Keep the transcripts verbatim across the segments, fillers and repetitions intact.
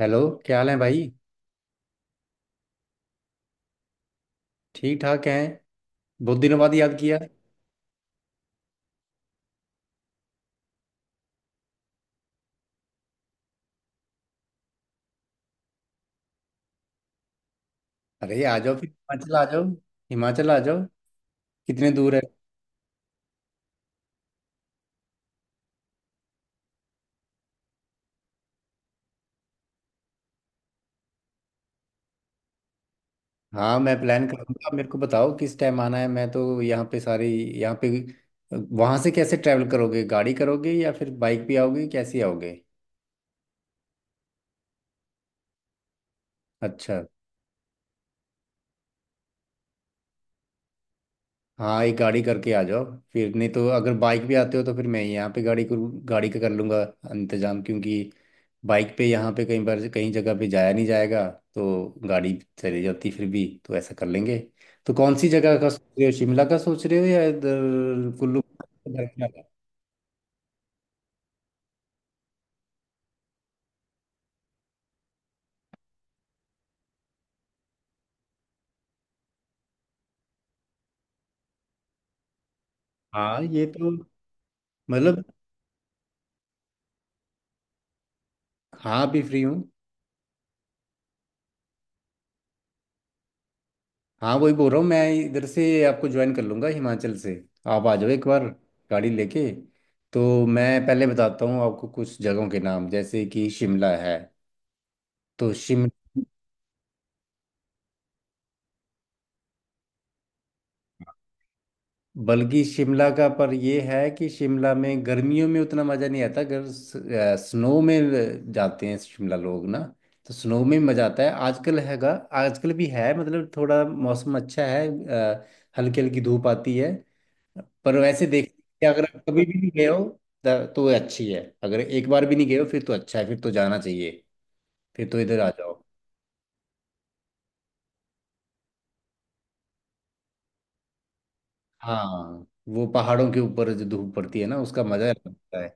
Hello. क्या हाल है भाई। ठीक ठाक हैं। बहुत दिनों बाद याद किया। अरे आ जाओ फिर हिमाचल आ जाओ। हिमाचल आ जाओ। कितने दूर है? हाँ, मैं प्लान करूंगा। आप मेरे को बताओ किस टाइम आना है। मैं तो यहाँ पे सारी यहाँ पे। वहां से कैसे ट्रैवल करोगे? गाड़ी करोगे या फिर बाइक भी आओगे? कैसे आओगे? अच्छा। हाँ, एक गाड़ी करके आ जाओ। फिर नहीं तो अगर बाइक भी आते हो तो फिर मैं यहाँ पे गाड़ी करूँ, गाड़ी का कर लूँगा इंतजाम, क्योंकि बाइक पे यहाँ पे कई बार कहीं जगह पे जाया नहीं जाएगा। तो गाड़ी चली जाती, फिर भी तो ऐसा कर लेंगे। तो कौन सी जगह का सोच रहे हो? शिमला का सोच रहे हो या इधर कुल्लू उधर? क्या? हाँ, ये तो। मतलब। हाँ, भी फ्री हूँ। हाँ, वही बोल रहा हूँ, मैं इधर से आपको ज्वाइन कर लूँगा हिमाचल से। आप आ जाओ एक बार गाड़ी लेके। तो मैं पहले बताता हूँ आपको कुछ जगहों के नाम, जैसे कि शिमला है। तो शिमला, बल्कि शिमला का, पर ये है कि शिमला में गर्मियों में उतना मज़ा नहीं आता, अगर स्नो में जाते हैं शिमला लोग ना, तो स्नो में मज़ा आता है। आजकल हैगा। आजकल भी है, मतलब थोड़ा मौसम अच्छा है। अ, हल्की हल्की धूप आती है। पर वैसे देख कि अगर आप कभी भी नहीं गए हो त- तो ये अच्छी है। अगर एक बार भी नहीं गए हो फिर तो अच्छा है, फिर तो जाना चाहिए, फिर तो इधर आ जाओ। हाँ, वो पहाड़ों के ऊपर जो धूप पड़ती है ना उसका मज़ा लगता है।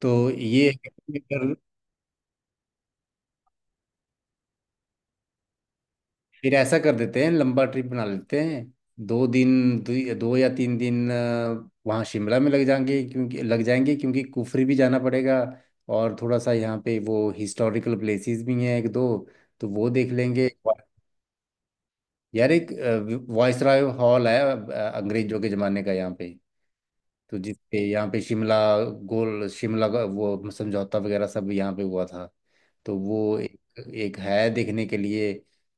तो ये है कि अगर फिर ऐसा कर देते हैं, लंबा ट्रिप बना लेते हैं। दो दिन दो, दो या तीन दिन अ, वहाँ शिमला में लग जाएंगे क्योंकि लग जाएंगे क्योंकि कुफरी भी जाना पड़ेगा। और थोड़ा सा यहाँ पे वो हिस्टोरिकल प्लेसेस भी हैं एक दो, तो वो देख लेंगे। यार एक वॉइसरॉय हॉल है अ, अंग्रेजों के ज़माने का यहाँ पे। तो जिसपे यहाँ पे शिमला, गोल शिमला का वो समझौता वगैरह सब यहाँ पे हुआ था। तो वो एक, एक है देखने के लिए।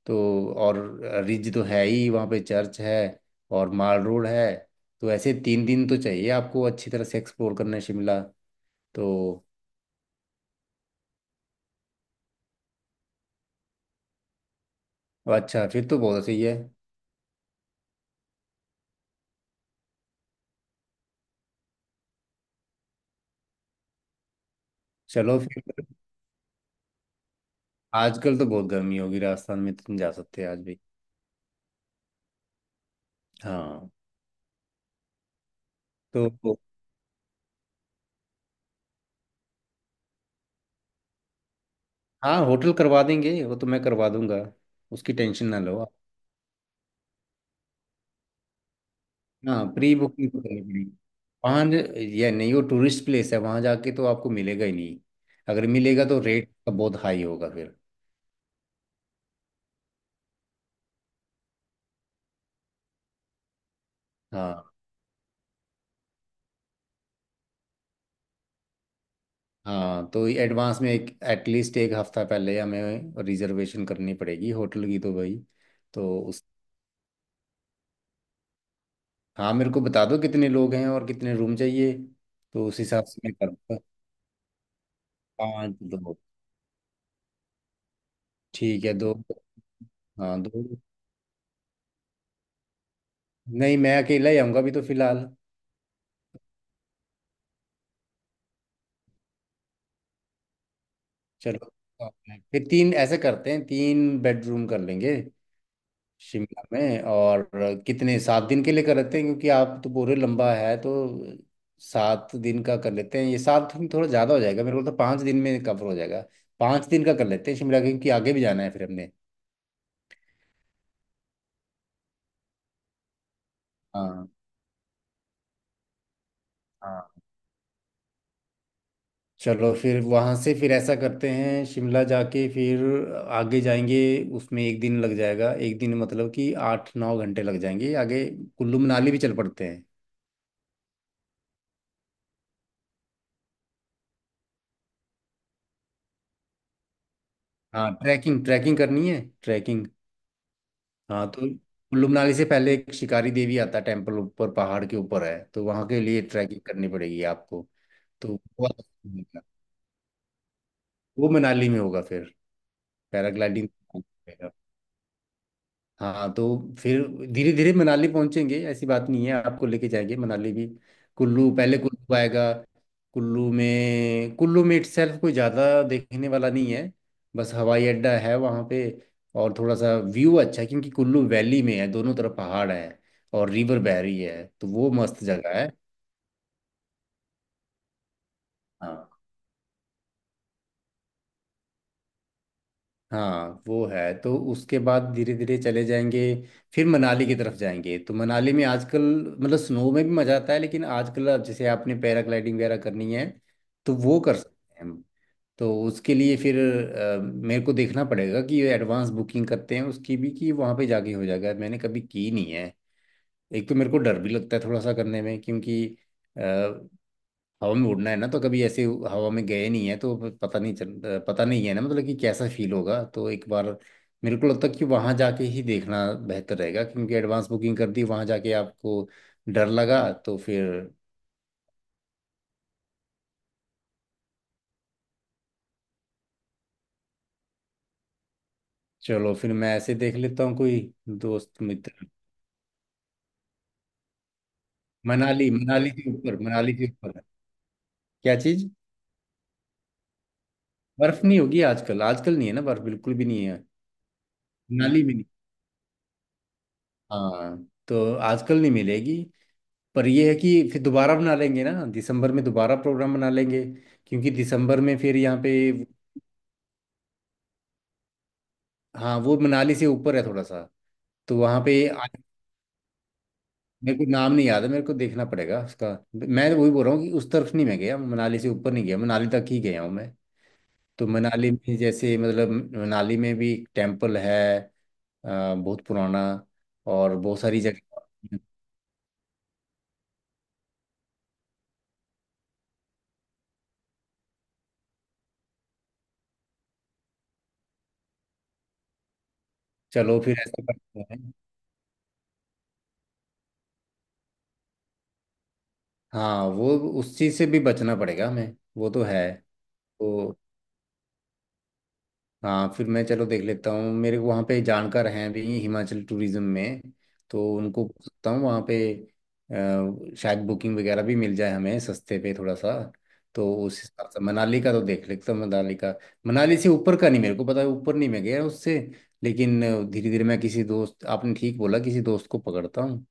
तो और रिज तो है ही, वहाँ पे चर्च है और माल रोड है। तो ऐसे तीन दिन तो चाहिए आपको अच्छी तरह से एक्सप्लोर करने शिमला। तो अच्छा, फिर तो बहुत सही है। चलो फिर। आजकल तो बहुत गर्मी होगी राजस्थान में, तो तुम जा सकते हो आज भी। हाँ तो। हाँ, होटल करवा देंगे, वो तो मैं करवा दूंगा। उसकी टेंशन ना लो। हाँ, प्री बुकिंग तो करनी पड़ेगी। वहाँ ज- ये नहीं, वो टूरिस्ट प्लेस है, वहाँ जाके तो आपको मिलेगा ही नहीं। अगर मिलेगा तो रेट का बहुत हाई होगा फिर। हाँ। हाँ, तो एडवांस में एक एटलीस्ट एक हफ्ता पहले हमें रिजर्वेशन करनी पड़ेगी होटल की, तो भाई। तो उस। हाँ, मेरे को बता दो कितने लोग हैं और कितने रूम चाहिए। तो उस हिसाब से मैं करूँगा। पाँच दो। ठीक है दो। हाँ दो, नहीं, मैं अकेला ही आऊँगा अभी तो फिलहाल। चलो। हाँ, फिर तीन ऐसे करते हैं, तीन बेडरूम कर लेंगे शिमला में। और कितने, सात दिन के लिए कर लेते हैं क्योंकि आप तो पूरे लंबा है तो। सात दिन का कर लेते हैं, ये सात दिन थोड़ा ज़्यादा हो जाएगा। मेरे को तो पाँच दिन में कवर हो जाएगा। पाँच दिन का कर लेते हैं शिमला, क्योंकि आगे भी जाना है फिर हमने। हाँ। हाँ, चलो फिर, वहाँ से फिर ऐसा करते हैं, शिमला जाके फिर आगे जाएंगे। उसमें एक दिन लग जाएगा, एक दिन मतलब कि आठ नौ घंटे लग जाएंगे। आगे कुल्लू मनाली भी चल पड़ते हैं। हाँ ट्रैकिंग, ट्रैकिंग करनी है, ट्रैकिंग। हाँ तो कुल्लू मनाली से पहले एक शिकारी देवी आता है, टेम्पल, ऊपर पहाड़ के ऊपर है, तो वहाँ के लिए ट्रैकिंग करनी पड़ेगी आपको। तो वो वो मनाली में होगा फिर, पैराग्लाइडिंग। हाँ तो फिर धीरे धीरे मनाली पहुंचेंगे, ऐसी बात नहीं है, आपको लेके जाएंगे मनाली भी। कुल्लू, पहले कुल्लू आएगा। कुल्लू में कुल्लू में इटसेल्फ कोई ज़्यादा देखने वाला नहीं है, बस हवाई अड्डा है वहाँ पे। और थोड़ा सा व्यू अच्छा है क्योंकि कुल्लू वैली में है, दोनों तरफ पहाड़ है, और रिवर बह रही है, तो वो मस्त जगह है। हाँ। हाँ, वो है, तो उसके बाद धीरे धीरे चले जाएंगे। फिर मनाली की तरफ जाएंगे, तो मनाली में आजकल, मतलब स्नो में भी मजा आता है लेकिन आजकल, अब जैसे आपने पैराग्लाइडिंग वगैरह करनी है तो वो कर सकते हैं हम। तो उसके लिए फिर अ, मेरे को देखना पड़ेगा कि ये एडवांस बुकिंग करते हैं उसकी भी, कि वहाँ पे जाके हो जाएगा, मैंने कभी की नहीं है। एक तो मेरे को डर भी लगता है थोड़ा सा करने में, क्योंकि हवा में उड़ना है ना, तो कभी ऐसे हवा में गए नहीं है, तो प- पता नहीं चल अ, पता नहीं है ना, मतलब कि कैसा फील होगा, तो एक बार मेरे को लगता है कि वहां जाके ही देखना बेहतर रहेगा, क्योंकि एडवांस बुकिंग कर दी वहां जाके आपको डर लगा तो फिर। चलो फिर मैं ऐसे देख लेता हूँ कोई दोस्त मित्र। मनाली, मनाली के ऊपर मनाली के ऊपर है। क्या चीज? बर्फ नहीं होगी आजकल आजकल नहीं है ना, बर्फ बिल्कुल भी नहीं है। मनाली में नहीं। हाँ, तो आजकल नहीं मिलेगी। पर ये है कि फिर दोबारा बना लेंगे ना, दिसंबर में दोबारा प्रोग्राम बना लेंगे, क्योंकि दिसंबर में फिर यहाँ पे। हाँ, वो मनाली से ऊपर है थोड़ा सा, तो वहाँ पे। आ- मेरे को नाम नहीं याद है, मेरे को देखना पड़ेगा उसका। मैं तो वही बोल रहा हूँ कि उस तरफ नहीं मैं गया, मनाली से ऊपर नहीं गया, मनाली तक ही गया हूँ मैं। तो मनाली में जैसे, मतलब मनाली में भी टेम्पल है, अ, बहुत पुराना और बहुत सारी जगह। चलो फिर ऐसा करते हैं। हाँ, वो उस चीज़ से भी बचना पड़ेगा हमें, वो तो है। तो। हाँ, फिर मैं चलो देख लेता हूँ, मेरे वहाँ पे जानकार हैं भी हिमाचल टूरिज्म में, तो उनको पूछ सकता हूँ वहाँ पे। अ, शायद बुकिंग वगैरह भी मिल जाए हमें सस्ते पे थोड़ा सा। तो उस हिसाब से मनाली का तो देख लेता हूँ, मनाली का। मनाली से ऊपर का नहीं मेरे को पता है, ऊपर नहीं मैं गया उससे, लेकिन धीरे धीरे मैं किसी दोस्त, आपने ठीक बोला, किसी दोस्त को पकड़ता हूँ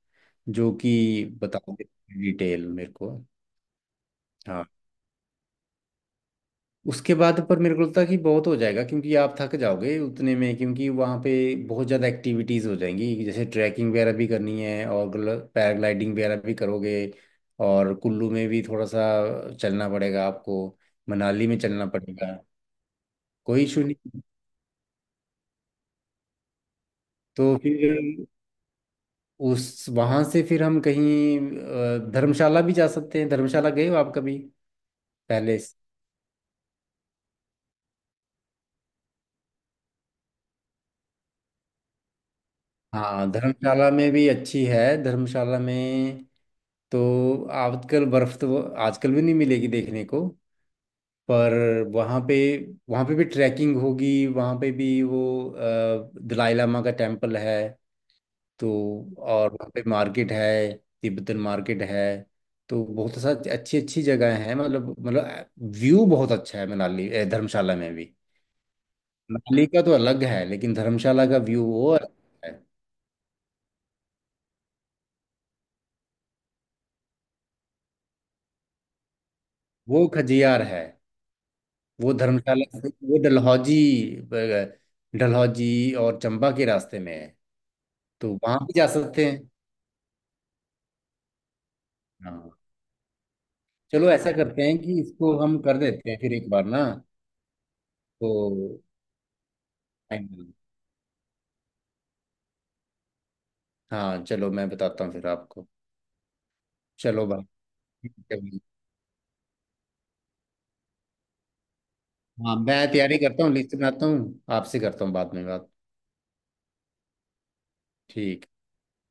जो कि बता दे डिटेल मेरे को। हाँ। उसके बाद, पर मेरे को लगता है कि बहुत हो जाएगा, क्योंकि आप थक जाओगे उतने में, क्योंकि वहाँ पे बहुत ज़्यादा एक्टिविटीज़ हो जाएंगी, जैसे ट्रैकिंग वगैरह भी करनी है और पैराग्लाइडिंग वगैरह भी करोगे, और कुल्लू में भी थोड़ा सा चलना पड़ेगा आपको, मनाली में चलना पड़ेगा। कोई इशू नहीं। तो फिर उस, वहाँ से फिर हम कहीं, अ, धर्मशाला भी जा सकते हैं। धर्मशाला गए हो आप कभी? पहले। हाँ, धर्मशाला में भी अच्छी है धर्मशाला में, तो आजकल बर्फ तो आजकल भी नहीं मिलेगी देखने को। पर वहाँ पे वहाँ पे भी ट्रैकिंग होगी, वहाँ पे भी वो अ, दलाई लामा का टेम्पल है। तो और वहाँ पे मार्केट है, तिब्बतन मार्केट है। तो बहुत सा अच्छी अच्छी जगह है, मतलब मतलब व्यू बहुत अच्छा है मनाली, अ, धर्मशाला में भी। मनाली का तो अलग है लेकिन धर्मशाला का व्यू वो अलग है। वो खजियार है। वो धर्मशाला से- वो डलहौजी, ब- डलहौजी और चंबा के रास्ते में है। तो वहां भी जा सकते हैं। हाँ, चलो ऐसा करते हैं कि इसको हम कर देते हैं फिर एक बार ना। तो फाइनल। हाँ, चलो मैं बताता हूँ फिर आपको। चलो भाई। ठीक है भाई। हाँ, मैं तैयारी करता हूँ, लिस्ट बनाता हूँ, आपसे करता हूँ बाद में बात। ठीक।